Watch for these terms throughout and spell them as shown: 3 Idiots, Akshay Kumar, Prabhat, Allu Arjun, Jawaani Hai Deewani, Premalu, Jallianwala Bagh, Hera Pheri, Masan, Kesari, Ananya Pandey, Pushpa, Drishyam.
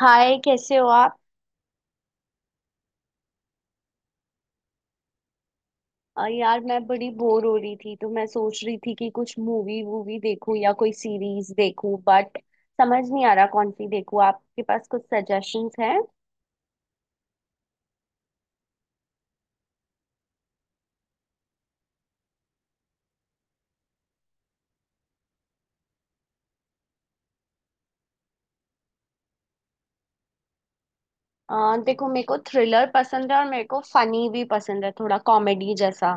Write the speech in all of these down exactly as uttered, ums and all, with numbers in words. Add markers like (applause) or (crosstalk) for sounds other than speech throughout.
हाय, कैसे हो आप। अ, यार, मैं बड़ी बोर हो रही थी तो मैं सोच रही थी कि कुछ मूवी वूवी देखूं या कोई सीरीज देखूं बट समझ नहीं आ रहा कौन सी देखूं। आपके पास कुछ सजेशंस हैं। अ, देखो, मेरे को थ्रिलर पसंद है और मेरे को फनी भी पसंद है, थोड़ा कॉमेडी जैसा।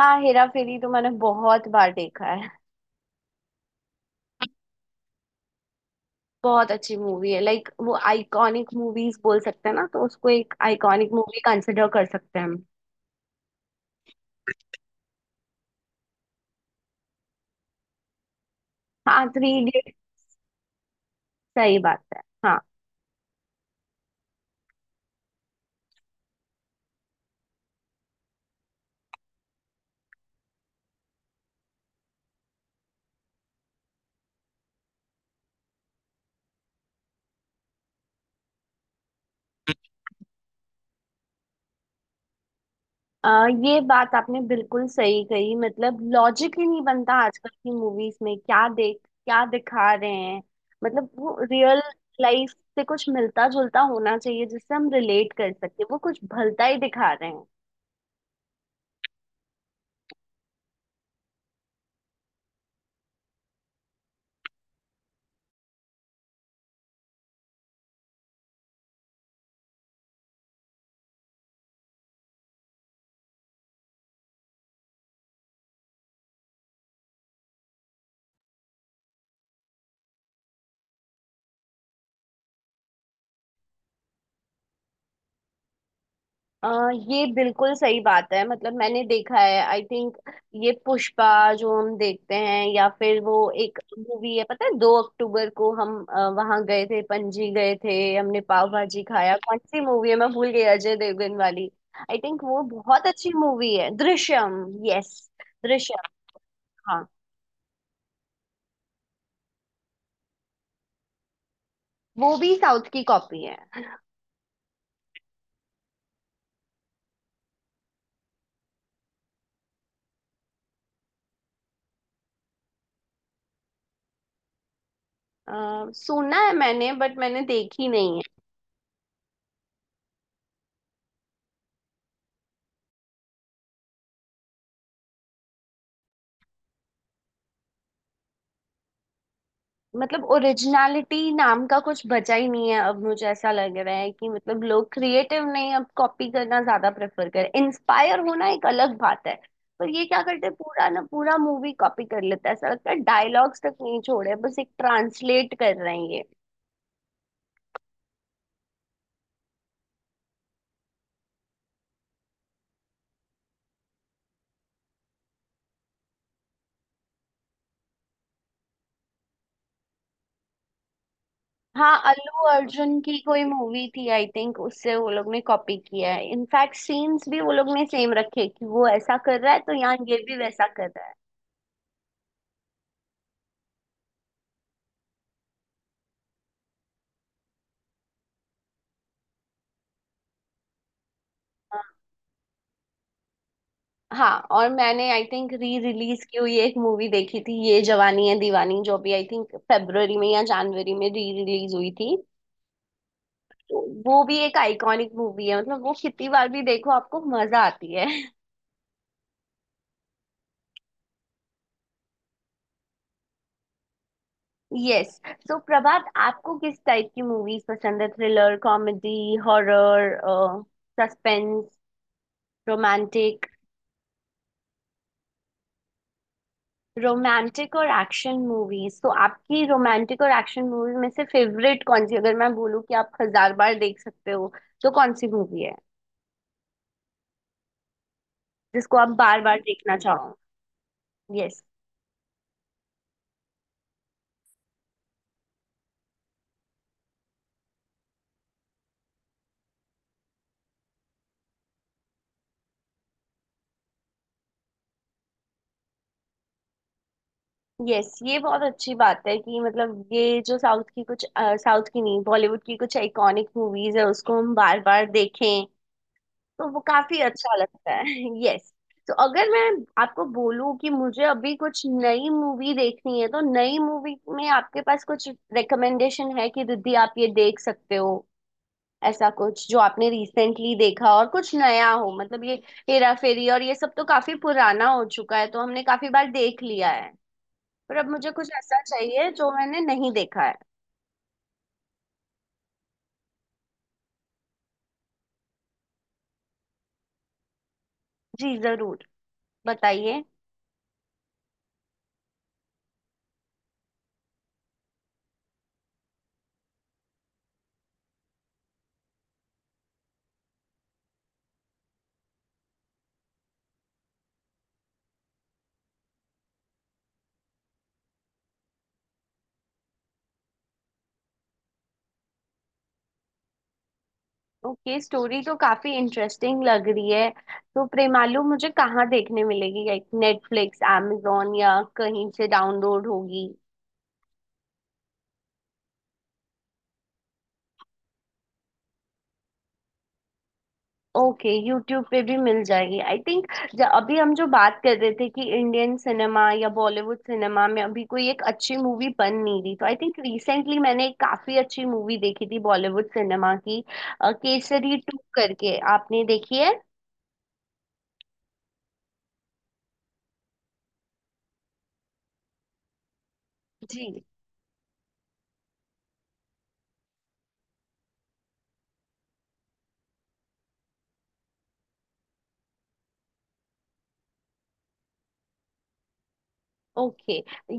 हाँ, हेरा फेरी तो मैंने बहुत बार देखा है। बहुत अच्छी मूवी है, लाइक वो आइकॉनिक मूवीज बोल सकते हैं ना, तो उसको एक आइकॉनिक मूवी कंसिडर कर सकते हैं हम। हाँ, थ्री इडियट। सही बात है, हाँ। अ, ये बात आपने बिल्कुल सही कही। मतलब लॉजिक ही नहीं बनता आजकल की मूवीज में, क्या देख क्या दिखा रहे हैं। मतलब वो रियल लाइफ से कुछ मिलता जुलता होना चाहिए जिससे हम रिलेट कर सकते हैं, वो कुछ भलता ही दिखा रहे हैं। अ ये बिल्कुल सही बात है। मतलब मैंने देखा है, आई थिंक ये पुष्पा जो हम देखते हैं, या फिर वो एक मूवी है, पता है, दो अक्टूबर को हम वहां गए थे, पणजी गए थे, हमने पाव भाजी खाया। कौन सी मूवी है, मैं भूल गई, अजय देवगन वाली। आई थिंक वो बहुत अच्छी मूवी है, दृश्यम। यस, दृश्यम। हाँ, वो भी साउथ की कॉपी है। अ, सुना है मैंने बट मैंने देखी नहीं। मतलब ओरिजिनलिटी नाम का कुछ बचा ही नहीं है अब, मुझे ऐसा लग रहा है कि मतलब लोग क्रिएटिव नहीं, अब कॉपी करना ज्यादा प्रेफर कर। इंस्पायर होना एक अलग बात है, पर ये क्या करते हैं, पूरा ना पूरा मूवी कॉपी कर लेता है। ऐसा लगता है डायलॉग्स तक नहीं छोड़े, बस एक ट्रांसलेट कर रहे हैं ये। हाँ, अल्लू अर्जुन की कोई मूवी थी, आई थिंक उससे वो लोग ने कॉपी किया है। इनफैक्ट सीन्स भी वो लोग ने सेम रखे, कि वो ऐसा कर रहा है तो यहाँ ये भी वैसा कर रहा है। हाँ और मैंने आई थिंक री रिलीज की हुई एक मूवी देखी थी, ये जवानी है दीवानी, जो भी आई थिंक फरवरी में या जनवरी में री रिलीज हुई थी। तो वो भी एक आइकॉनिक मूवी है, मतलब वो कितनी बार भी देखो आपको मजा आती है। (laughs) यस। सो प्रभात, आपको किस टाइप की मूवीज पसंद है, thriller, comedy, horror, suspense, romantic? Romantic और एक्शन मूवीज, तो आपकी रोमांटिक और एक्शन मूवी में से फेवरेट कौन सी, अगर मैं बोलूँ कि आप हजार बार देख सकते हो, तो कौन सी मूवी है जिसको आप बार बार देखना चाहो? यस। यस, ये बहुत अच्छी बात है कि मतलब ये जो साउथ की कुछ, साउथ की नहीं, बॉलीवुड की कुछ आइकॉनिक मूवीज है उसको हम बार बार देखें, तो वो काफी अच्छा लगता है। (laughs) यस। तो अगर मैं आपको बोलूं कि मुझे अभी कुछ नई मूवी देखनी है, तो नई मूवी में आपके पास कुछ रिकमेंडेशन है कि दीदी आप ये देख सकते हो, ऐसा कुछ जो आपने रिसेंटली देखा और कुछ नया हो। मतलब ये हेरा फेरी और ये सब तो काफी पुराना हो चुका है, तो हमने काफी बार देख लिया है। पर अब मुझे कुछ ऐसा चाहिए जो मैंने नहीं देखा है। जी जरूर, बताइए। ओके, स्टोरी तो काफी इंटरेस्टिंग लग रही है। तो प्रेमालू मुझे कहाँ देखने मिलेगी, लाइक नेटफ्लिक्स, amazon, या कहीं से डाउनलोड होगी? ओके, यूट्यूब पे भी मिल जाएगी आई थिंक। अभी हम जो बात कर रहे थे कि इंडियन सिनेमा या बॉलीवुड सिनेमा में अभी कोई एक अच्छी मूवी बन नहीं रही, तो आई थिंक रिसेंटली मैंने एक काफी अच्छी मूवी देखी थी बॉलीवुड सिनेमा की, अ, केसरी टू करके, आपने देखी है? जी। ओके,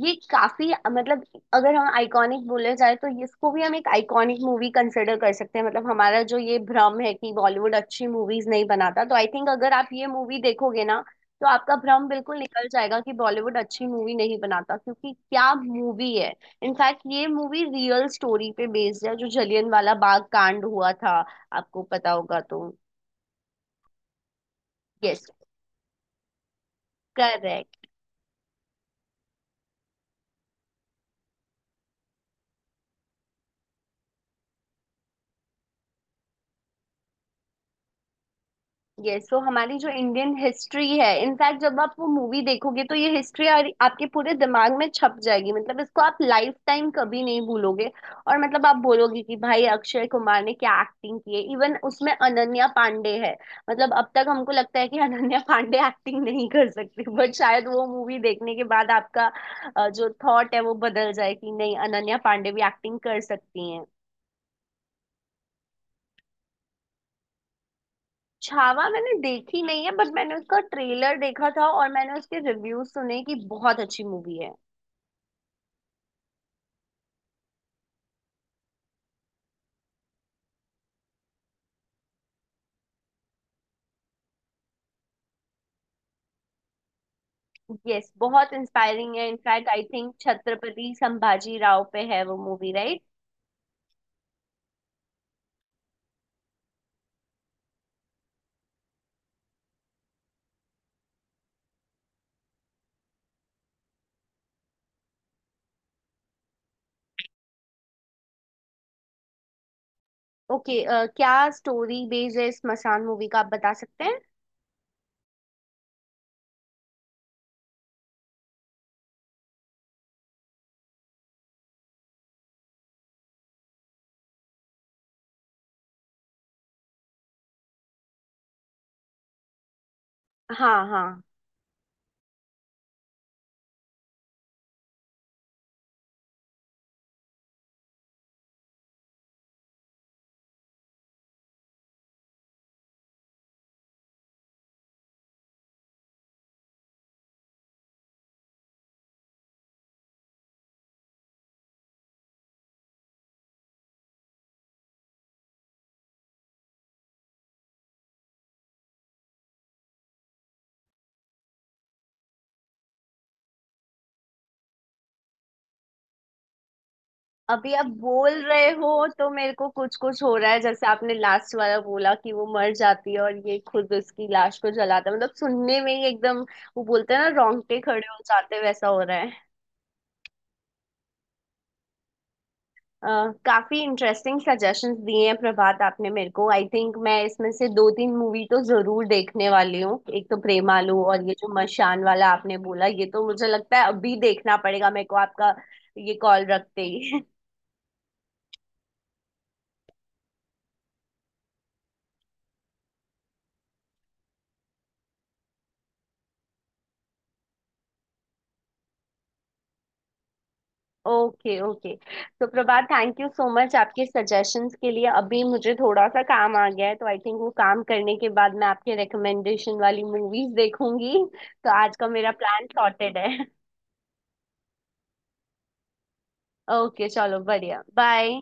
ये काफी मतलब, अगर हम आइकॉनिक बोले जाए तो इसको भी हम एक आइकॉनिक मूवी कंसिडर कर सकते हैं। मतलब हमारा जो ये भ्रम है कि बॉलीवुड अच्छी मूवीज नहीं बनाता, तो आई थिंक अगर आप ये मूवी देखोगे ना, तो आपका भ्रम बिल्कुल निकल जाएगा कि बॉलीवुड अच्छी मूवी नहीं बनाता, क्योंकि क्या मूवी है। इनफैक्ट ये मूवी रियल स्टोरी पे बेस्ड है, जो जलियनवाला बाग कांड हुआ था, आपको पता होगा तो। यस। करेक्ट। ये, सो हमारी जो इंडियन हिस्ट्री है, इनफैक्ट जब आप वो मूवी देखोगे तो ये हिस्ट्री आपके पूरे दिमाग में छप जाएगी। मतलब इसको आप लाइफ टाइम कभी नहीं भूलोगे। और मतलब आप बोलोगे कि भाई अक्षय कुमार ने क्या एक्टिंग की है। इवन उसमें अनन्या पांडे है, मतलब अब तक हमको लगता है कि (laughs) अनन्या पांडे एक्टिंग नहीं कर सकती, बट शायद वो मूवी देखने के बाद आपका अ, जो थॉट है वो बदल जाए कि नहीं, अनन्या पांडे भी एक्टिंग कर सकती हैं। छावा मैंने देखी नहीं है, बट मैंने उसका ट्रेलर देखा था और मैंने उसके रिव्यूज सुने कि बहुत अच्छी मूवी है। यस, बहुत इंस्पायरिंग है। In fact I think Chhatrapati Sambhaji Rao पे है वो मूवी, राइट? ओके, क्या स्टोरी बेस है इस मसान मूवी का, आप बता सकते हैं? हाँ हाँ। अभी आप बोल रहे हो तो मेरे को कुछ कुछ हो रहा है, जैसे आपने लास्ट वाला बोला कि वो मर जाती है और ये खुद उसकी लाश को जलाता है, मतलब सुनने में ही एकदम। वो बोलते हैं ना, रोंगटे खड़े हो जाते हैं, वैसा हो रहा है। अ, काफी इंटरेस्टिंग सजेशंस दिए हैं प्रभात आपने मेरे को। आई थिंक मैं इसमें से दो तीन मूवी तो जरूर देखने वाली हूँ, एक तो प्रेमालू और ये जो मशान वाला आपने बोला, ये तो मुझे लगता है अभी देखना पड़ेगा मेरे को, आपका ये कॉल रखते ही। (laughs) Okay okay. तो Prabhat, thank you so much आपके सजेशंस के लिए। अभी मुझे थोड़ा सा काम आ गया है, तो आई थिंक वो काम करने के बाद मैं आपके रिकमेंडेशन वाली मूवीज देखूंगी, तो आज का मेरा प्लान सॉर्टेड है। (laughs) ओके चलो, बढ़िया, बाय।